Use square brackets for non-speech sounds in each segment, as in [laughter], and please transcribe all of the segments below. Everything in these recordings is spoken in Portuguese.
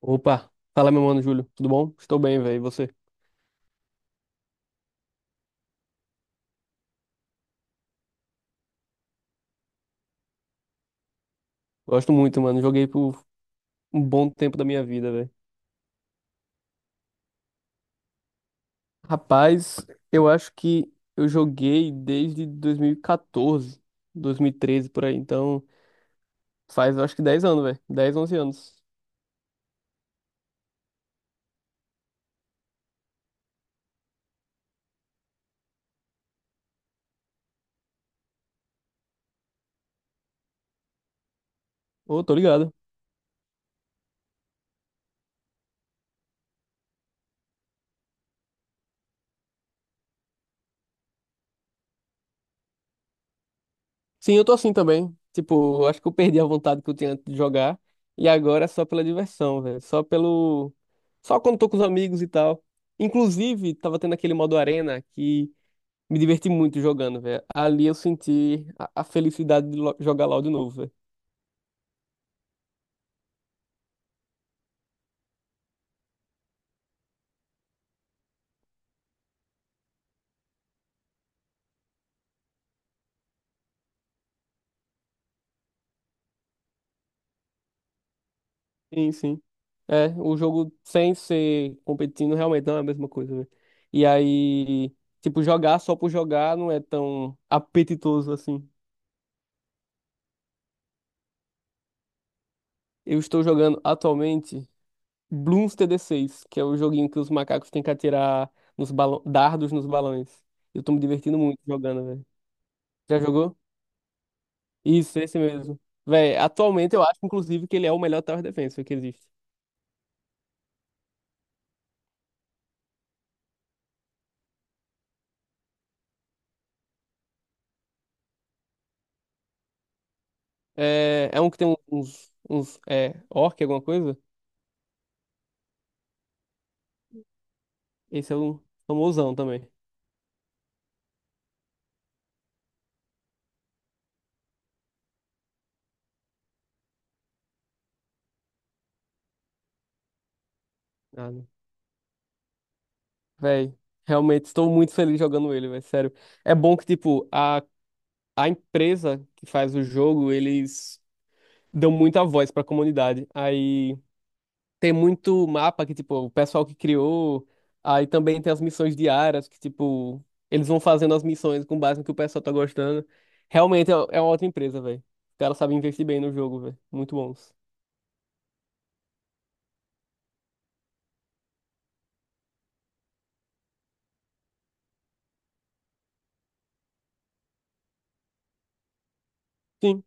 Opa, fala meu mano Júlio, tudo bom? Estou bem, velho, e você? Gosto muito, mano, joguei por um bom tempo da minha vida, velho. Rapaz, eu acho que eu joguei desde 2014, 2013 por aí, então faz eu acho que 10 anos, velho, 10, 11 anos. Ô, tô ligado. Sim, eu tô assim também, tipo, eu acho que eu perdi a vontade que eu tinha antes de jogar e agora é só pela diversão, velho, só quando tô com os amigos e tal. Inclusive, tava tendo aquele modo arena Me diverti muito jogando, velho. Ali eu senti a felicidade de jogar LoL de novo, velho. Sim, sim. É, o jogo sem ser competindo realmente não é a mesma coisa, velho. E aí, tipo, jogar só por jogar não é tão apetitoso assim. Eu estou jogando atualmente Bloons TD 6, que é o joguinho que os macacos têm que atirar nos balão, dardos nos balões. Eu tô me divertindo muito jogando, velho. Já jogou? Isso, esse mesmo. Véi, atualmente eu acho, inclusive, que ele é o melhor tower defense que existe. É um que tem uns orc, alguma coisa? Esse é um famosão também. Ah, não. Véi, realmente estou muito feliz jogando ele, véi, sério. É bom que, tipo, a empresa que faz o jogo, eles dão muita voz pra comunidade. Aí tem muito mapa que, tipo, o pessoal que criou. Aí também tem as missões diárias, que, tipo, eles vão fazendo as missões com base no que o pessoal tá gostando. Realmente é uma outra empresa, véi. O cara sabe investir bem no jogo, véi. Muito bons. Sim.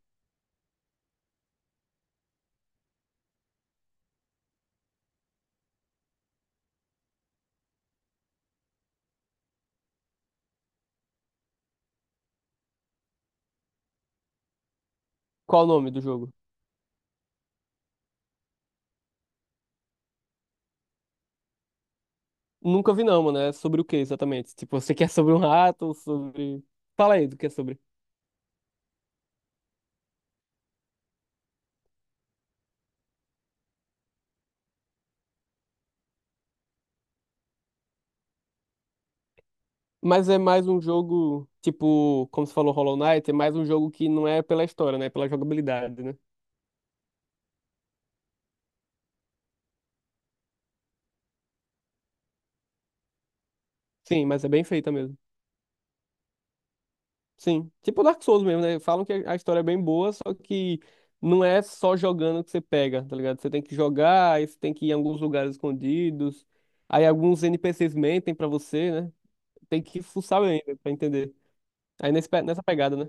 Qual o nome do jogo? Nunca vi não, mano. É sobre o que exatamente? Tipo, você [laughs] quer sobre um rato ou sobre... Fala aí do que é sobre. Mas é mais um jogo, tipo, como você falou, Hollow Knight, é mais um jogo que não é pela história, né? É pela jogabilidade, né? Sim, mas é bem feita mesmo. Sim. Tipo Dark Souls mesmo, né? Falam que a história é bem boa, só que não é só jogando que você pega, tá ligado? Você tem que jogar, aí você tem que ir em alguns lugares escondidos, aí alguns NPCs mentem pra você, né? Tem que fuçar ainda pra entender. Aí nesse nessa pegada, né?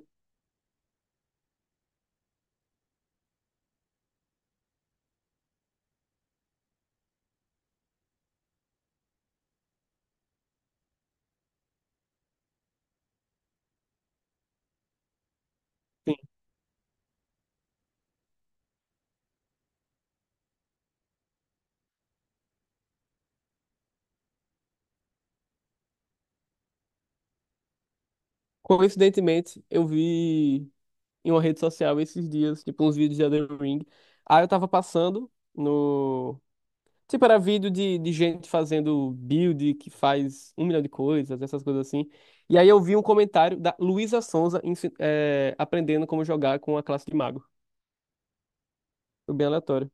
Coincidentemente, eu vi em uma rede social esses dias, tipo, uns vídeos de Elden Ring. Aí eu tava passando no. Tipo, era vídeo de gente fazendo build que faz um milhão de coisas, essas coisas assim. E aí eu vi um comentário da Luísa Sonza aprendendo como jogar com a classe de mago. Foi bem aleatório.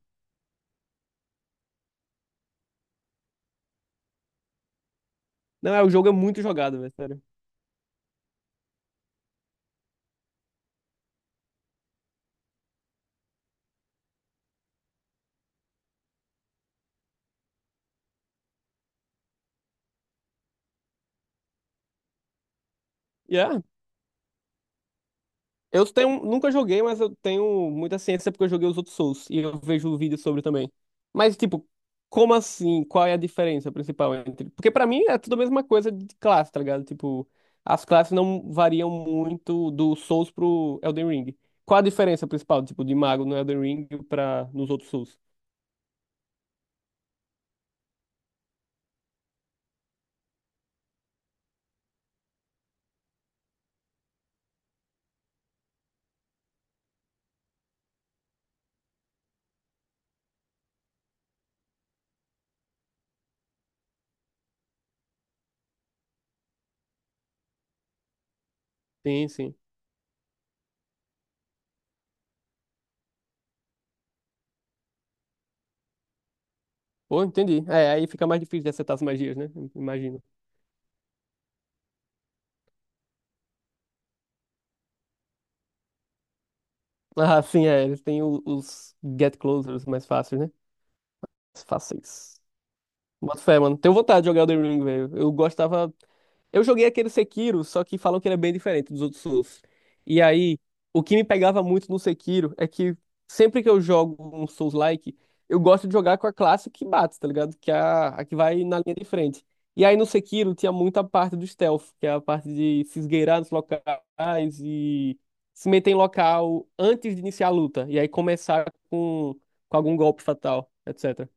Não, é, o jogo é muito jogado, velho, sério. E é. Eu tenho, nunca joguei, mas eu tenho muita ciência porque eu joguei os outros Souls e eu vejo vídeos sobre também. Mas, tipo, como assim? Qual é a diferença principal entre. Porque pra mim é tudo a mesma coisa de classe, tá ligado? Tipo, as classes não variam muito do Souls pro Elden Ring. Qual a diferença principal, tipo, de mago no Elden Ring pra nos outros Souls? Sim, sim. Pô, entendi. É, aí fica mais difícil de acertar as magias, né? Imagino. Ah, sim, é. Eles têm os Get Closers mais fáceis, né? Os fáceis. Boto fé, mano. Tenho vontade de jogar o The Ring, velho. Eu gostava. Eu joguei aquele Sekiro, só que falam que ele é bem diferente dos outros Souls. E aí, o que me pegava muito no Sekiro é que sempre que eu jogo um Souls-like, eu gosto de jogar com a classe que bate, tá ligado? Que é a que vai na linha de frente. E aí no Sekiro tinha muita parte do stealth, que é a parte de se esgueirar nos locais e se meter em local antes de iniciar a luta. E aí começar com, com algum golpe fatal, etc.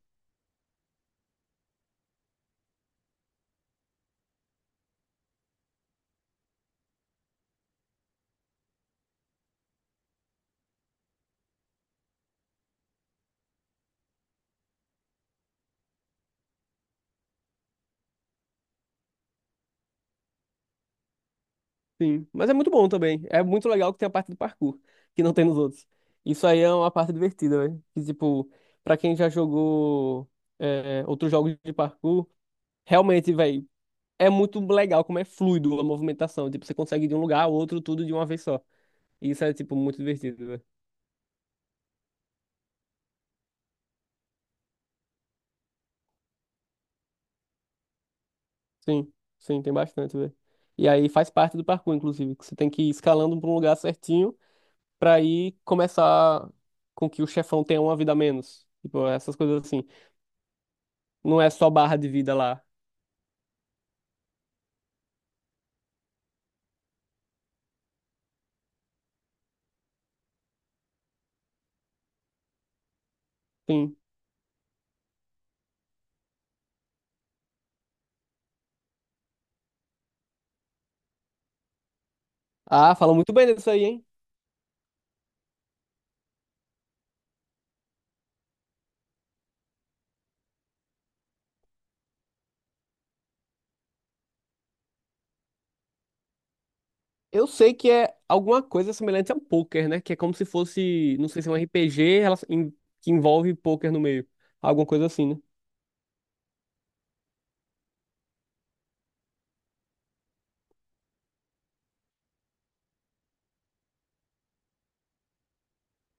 Sim, mas é muito bom também. É muito legal que tem a parte do parkour, que não tem nos outros. Isso aí é uma parte divertida, velho. Que, tipo, pra quem já jogou outros jogos de parkour, realmente, velho, é muito legal como é fluido a movimentação. Tipo, você consegue ir de um lugar ao outro tudo de uma vez só. E isso é, tipo, muito divertido, velho. Sim, sim, tem bastante, velho. E aí faz parte do parkour, inclusive, que você tem que ir escalando pra um lugar certinho pra aí começar com que o chefão tenha uma vida a menos. Tipo, essas coisas assim. Não é só barra de vida lá. Sim. Ah, falam muito bem disso aí, hein? Eu sei que é alguma coisa semelhante a poker, né? Que é como se fosse, não sei se é um RPG que envolve poker no meio. Alguma coisa assim, né?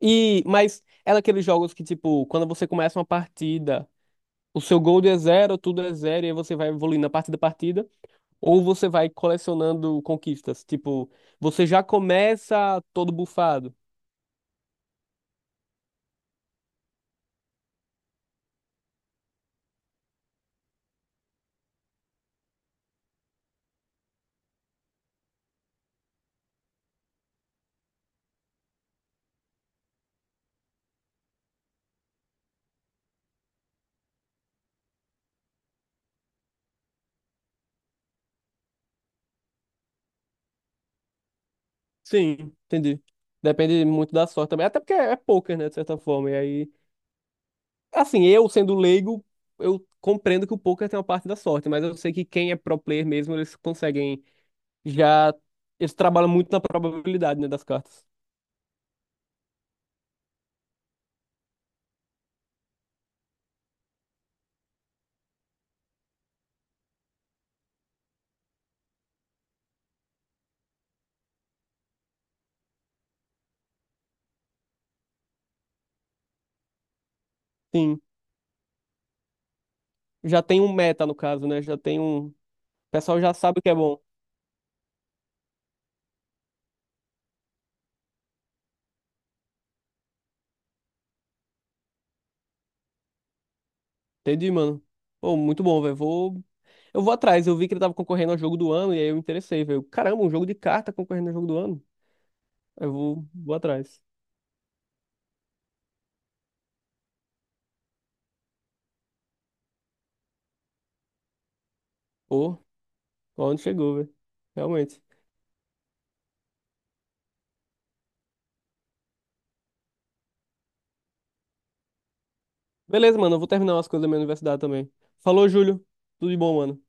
Mas é daqueles jogos que, tipo, quando você começa uma partida, o seu gold é zero, tudo é zero, e aí você vai evoluindo a partida da partida, ou você vai colecionando conquistas. Tipo, você já começa todo bufado. Sim, entendi. Depende muito da sorte também. Até porque é poker, né, de certa forma. E aí, assim, eu sendo leigo, eu compreendo que o poker tem uma parte da sorte, mas eu sei que quem é pro player mesmo, eles conseguem já. Eles trabalham muito na probabilidade, né, das cartas. Sim. Já tem um meta, no caso, né? Já tem um. O pessoal já sabe o que é bom. Entendi, mano. Pô, muito bom, velho. Vou. Eu vou atrás. Eu vi que ele tava concorrendo ao jogo do ano e aí eu me interessei, velho. Caramba, um jogo de carta concorrendo ao jogo do ano. Eu vou atrás. Pô. Onde chegou, velho? Realmente. Beleza, mano. Eu vou terminar umas coisas da minha universidade também. Falou, Júlio. Tudo de bom, mano.